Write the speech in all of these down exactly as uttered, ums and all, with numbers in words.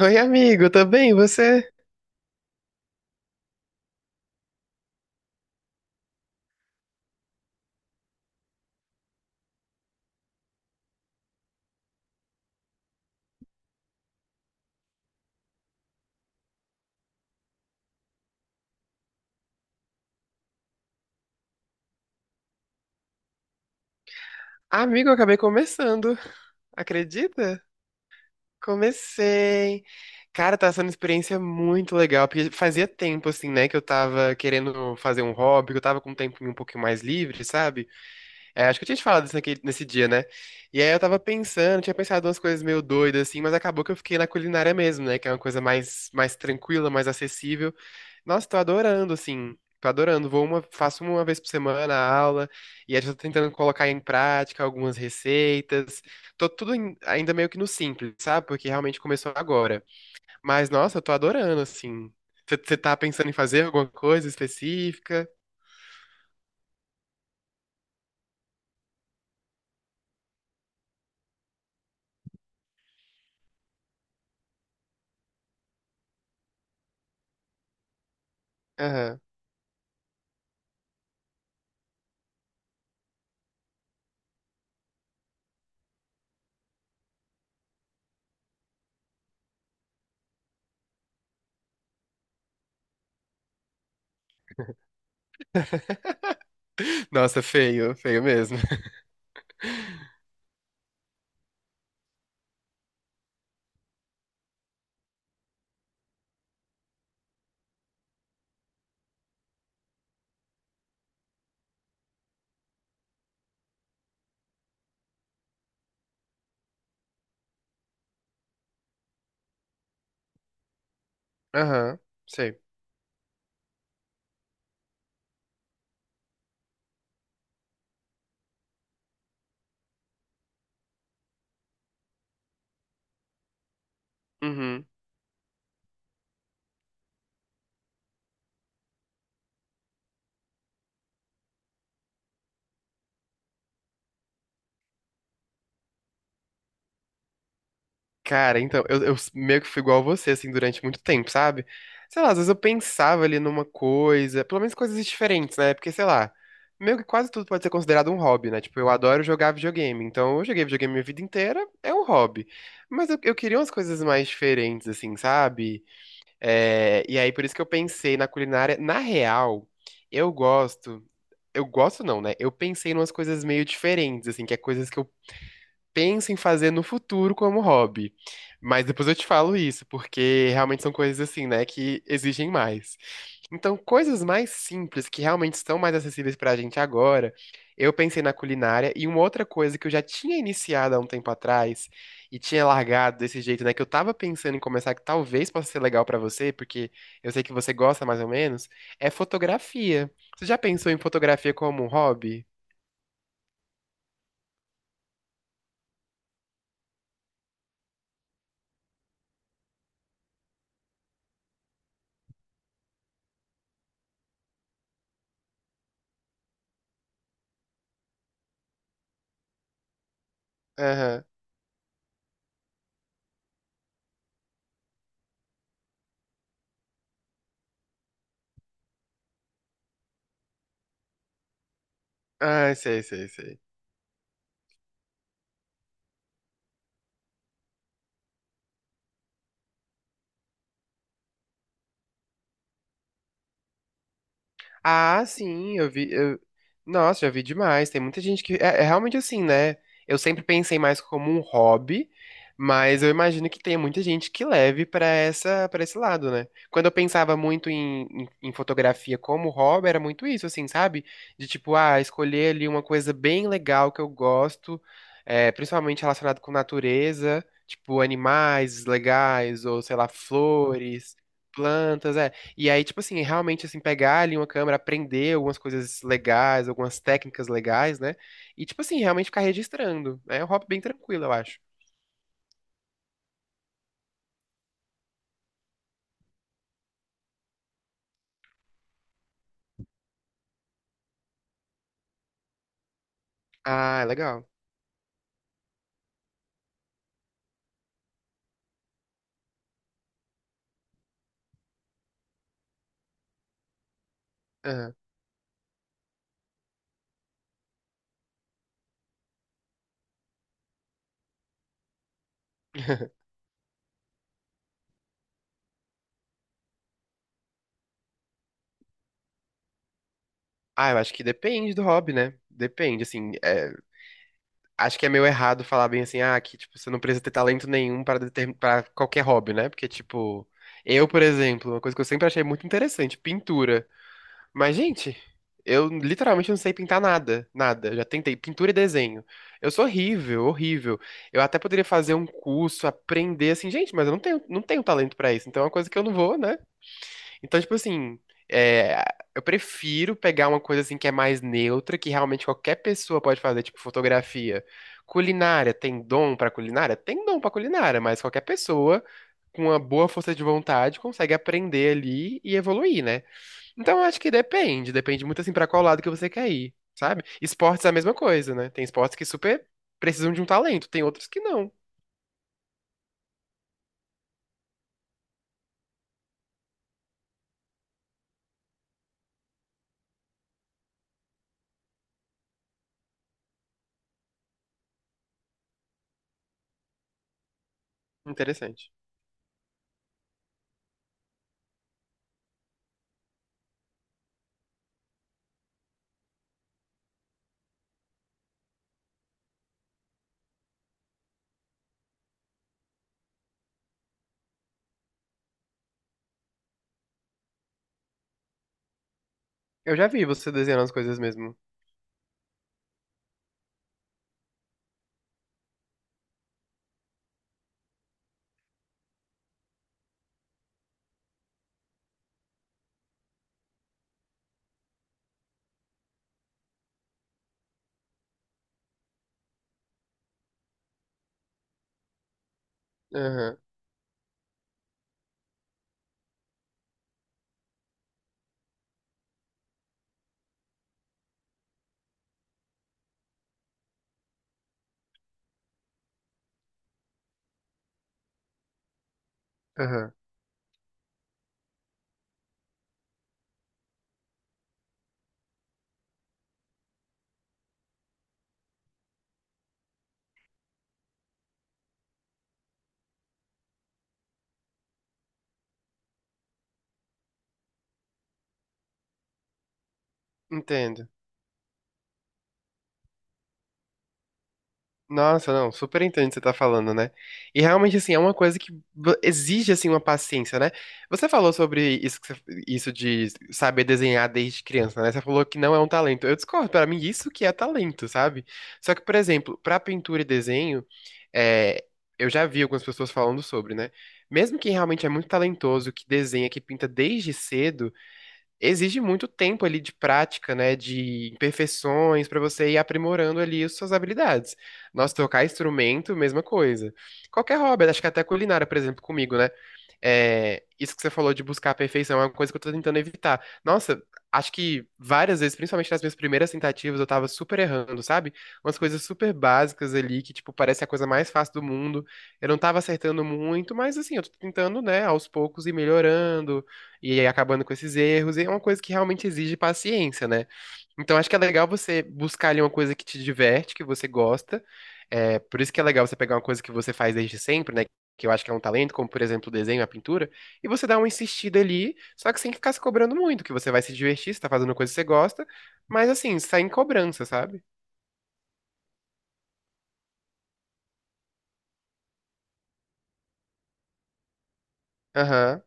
Oi, amigo, tudo bem? Você? Amigo, eu acabei começando. Acredita? Comecei. Cara, tá sendo uma experiência muito legal, porque fazia tempo, assim, né, que eu tava querendo fazer um hobby, que eu tava com um tempinho um pouquinho mais livre, sabe? É, acho que eu tinha te falado isso naquele- nesse dia, né? E aí eu tava pensando, tinha pensado umas coisas meio doidas, assim, mas acabou que eu fiquei na culinária mesmo, né, que é uma coisa mais, mais tranquila, mais acessível. Nossa, tô adorando, assim. Tô adorando. Vou uma, faço uma vez por semana a aula, e aí já tô tentando colocar em prática algumas receitas. Tô tudo em- ainda meio que no simples, sabe? Porque realmente começou agora. Mas, nossa, eu tô adorando, assim. Você tá pensando em fazer alguma coisa específica? Aham. Nossa, feio, feio mesmo. Aham, sei. Uhum. Cara, então, eu, eu meio que fui igual a você, assim, durante muito tempo, sabe? Sei lá, às vezes eu pensava ali numa coisa, pelo menos coisas diferentes, né? Porque, sei lá, meio que quase tudo pode ser considerado um hobby, né? Tipo, eu adoro jogar videogame, então eu joguei videogame minha vida inteira, é um hobby. Mas eu, eu queria umas coisas mais diferentes, assim, sabe? É, e aí, por isso que eu pensei na culinária. Na real, eu gosto. Eu gosto não, né? Eu pensei em umas coisas meio diferentes, assim, que é coisas que eu penso em fazer no futuro como hobby. Mas depois eu te falo isso, porque realmente são coisas assim, né, que exigem mais. Então, coisas mais simples, que realmente estão mais acessíveis pra gente agora, eu pensei na culinária e uma outra coisa que eu já tinha iniciado há um tempo atrás e tinha largado desse jeito, né, que eu tava pensando em começar, que talvez possa ser legal pra você, porque eu sei que você gosta mais ou menos, é fotografia. Você já pensou em fotografia como um hobby? Aham. Ah, sei, sei, sei. Ah, sim, eu vi. eu- Nossa, já vi demais. Tem muita gente que. É, é realmente assim, né? Eu sempre pensei mais como um hobby, mas eu imagino que tem muita gente que leve pra essa, para esse lado, né? Quando eu pensava muito em, em, em fotografia como hobby, era muito isso, assim, sabe? De tipo, ah, escolher ali uma coisa bem legal que eu gosto, é, principalmente relacionado com natureza, tipo animais legais, ou sei lá, flores, plantas. É. E aí, tipo assim, realmente assim, pegar ali uma câmera, aprender algumas coisas legais, algumas técnicas legais, né? E, tipo assim, realmente ficar registrando. É um hobby bem tranquilo, eu acho. Ah, é legal. Aham. Ah, eu acho que depende do hobby, né? Depende, assim, é, acho que é meio errado falar bem assim, ah, que, tipo, você não precisa ter talento nenhum para determin... para qualquer hobby, né? Porque, tipo, eu, por exemplo, uma coisa que eu sempre achei muito interessante, pintura. Mas, gente, eu literalmente não sei pintar nada, nada. Já tentei pintura e desenho. Eu sou horrível, horrível. Eu até poderia fazer um curso, aprender assim, gente, mas eu não tenho, não tenho talento pra isso. Então é uma coisa que eu não vou, né? Então, tipo assim, é, eu prefiro pegar uma coisa assim que é mais neutra, que realmente qualquer pessoa pode fazer, tipo fotografia. Culinária, tem dom pra culinária? Tem dom pra culinária, mas qualquer pessoa com uma boa força de vontade consegue aprender ali e evoluir, né? Então, eu acho que depende. Depende muito, assim, pra qual lado que você quer ir, sabe? Esportes é a mesma coisa, né? Tem esportes que super precisam de um talento, tem outros que não. Interessante. Eu já vi você desenhando as coisas mesmo. Aham, aham. Entendo. Nossa, não, super entendo o que você tá falando, né? E realmente, assim, é uma coisa que vo- exige, assim, uma paciência, né? Você falou sobre isso, que você- isso de saber desenhar desde criança, né? Você falou que não é um talento. Eu discordo, pra mim, isso que é talento, sabe? Só que, por exemplo, pra pintura e desenho, é, eu já vi algumas pessoas falando sobre, né? Mesmo quem realmente é muito talentoso, que desenha, que pinta desde cedo exige muito tempo ali de prática, né, de imperfeições para você ir aprimorando ali as suas habilidades. Nossa, tocar instrumento, mesma coisa. Qualquer hobby, acho que até culinária, por exemplo, comigo, né? É, isso que você falou de buscar a perfeição é uma coisa que eu tô tentando evitar. Nossa, acho que várias vezes, principalmente nas minhas primeiras tentativas, eu tava super errando, sabe? Umas coisas super básicas ali que, tipo, parece a coisa mais fácil do mundo. Eu não tava acertando muito, mas assim, eu tô tentando, né, aos poucos ir melhorando e aí acabando com esses erros, e é uma coisa que realmente exige paciência, né? Então acho que é legal você buscar ali uma coisa que te diverte, que você gosta. É, por isso que é legal você pegar uma coisa que você faz desde sempre, né? Que eu acho que é um talento, como por exemplo o desenho, a pintura, e você dá uma insistida ali, só que sem ficar se cobrando muito, que você vai se divertir, você tá fazendo uma coisa que você gosta, mas assim, sem cobrança, sabe? Aham,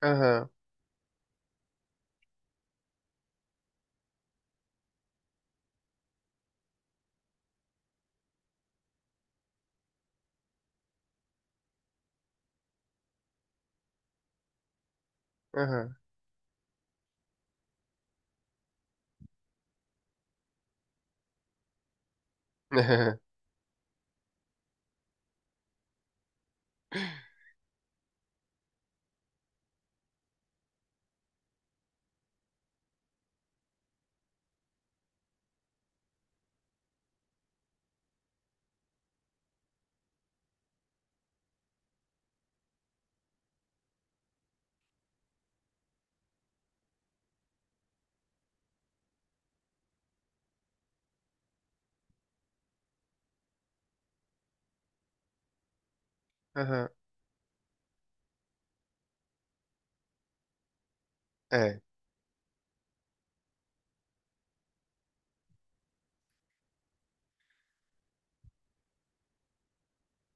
aham, aham, aham, aham. É.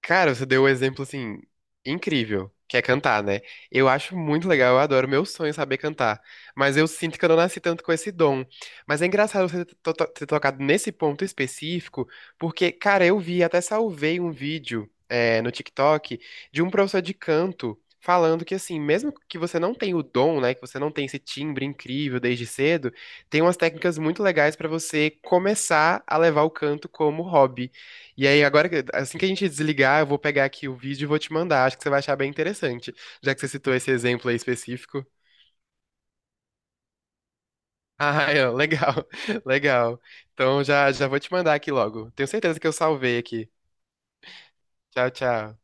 Cara, você deu um exemplo assim incrível, que é cantar, né? Eu acho muito legal, eu adoro, meu sonho é saber cantar, mas eu sinto que eu não nasci tanto com esse dom. Mas é engraçado você to- to- ter tocado nesse ponto específico, porque, cara, eu vi, até salvei um vídeo é, no TikTok de um professor de canto falando que assim, mesmo que você não tenha o dom, né, que você não tem esse timbre incrível desde cedo, tem umas técnicas muito legais pra você começar a levar o canto como hobby. E aí, agora, que- assim que a gente desligar, eu vou pegar aqui o vídeo e vou te mandar. Acho que você vai achar bem interessante, já que você citou esse exemplo aí específico. Ah, é, legal, legal. Então já, já vou te mandar aqui logo. Tenho certeza que eu salvei aqui. Tchau, tchau.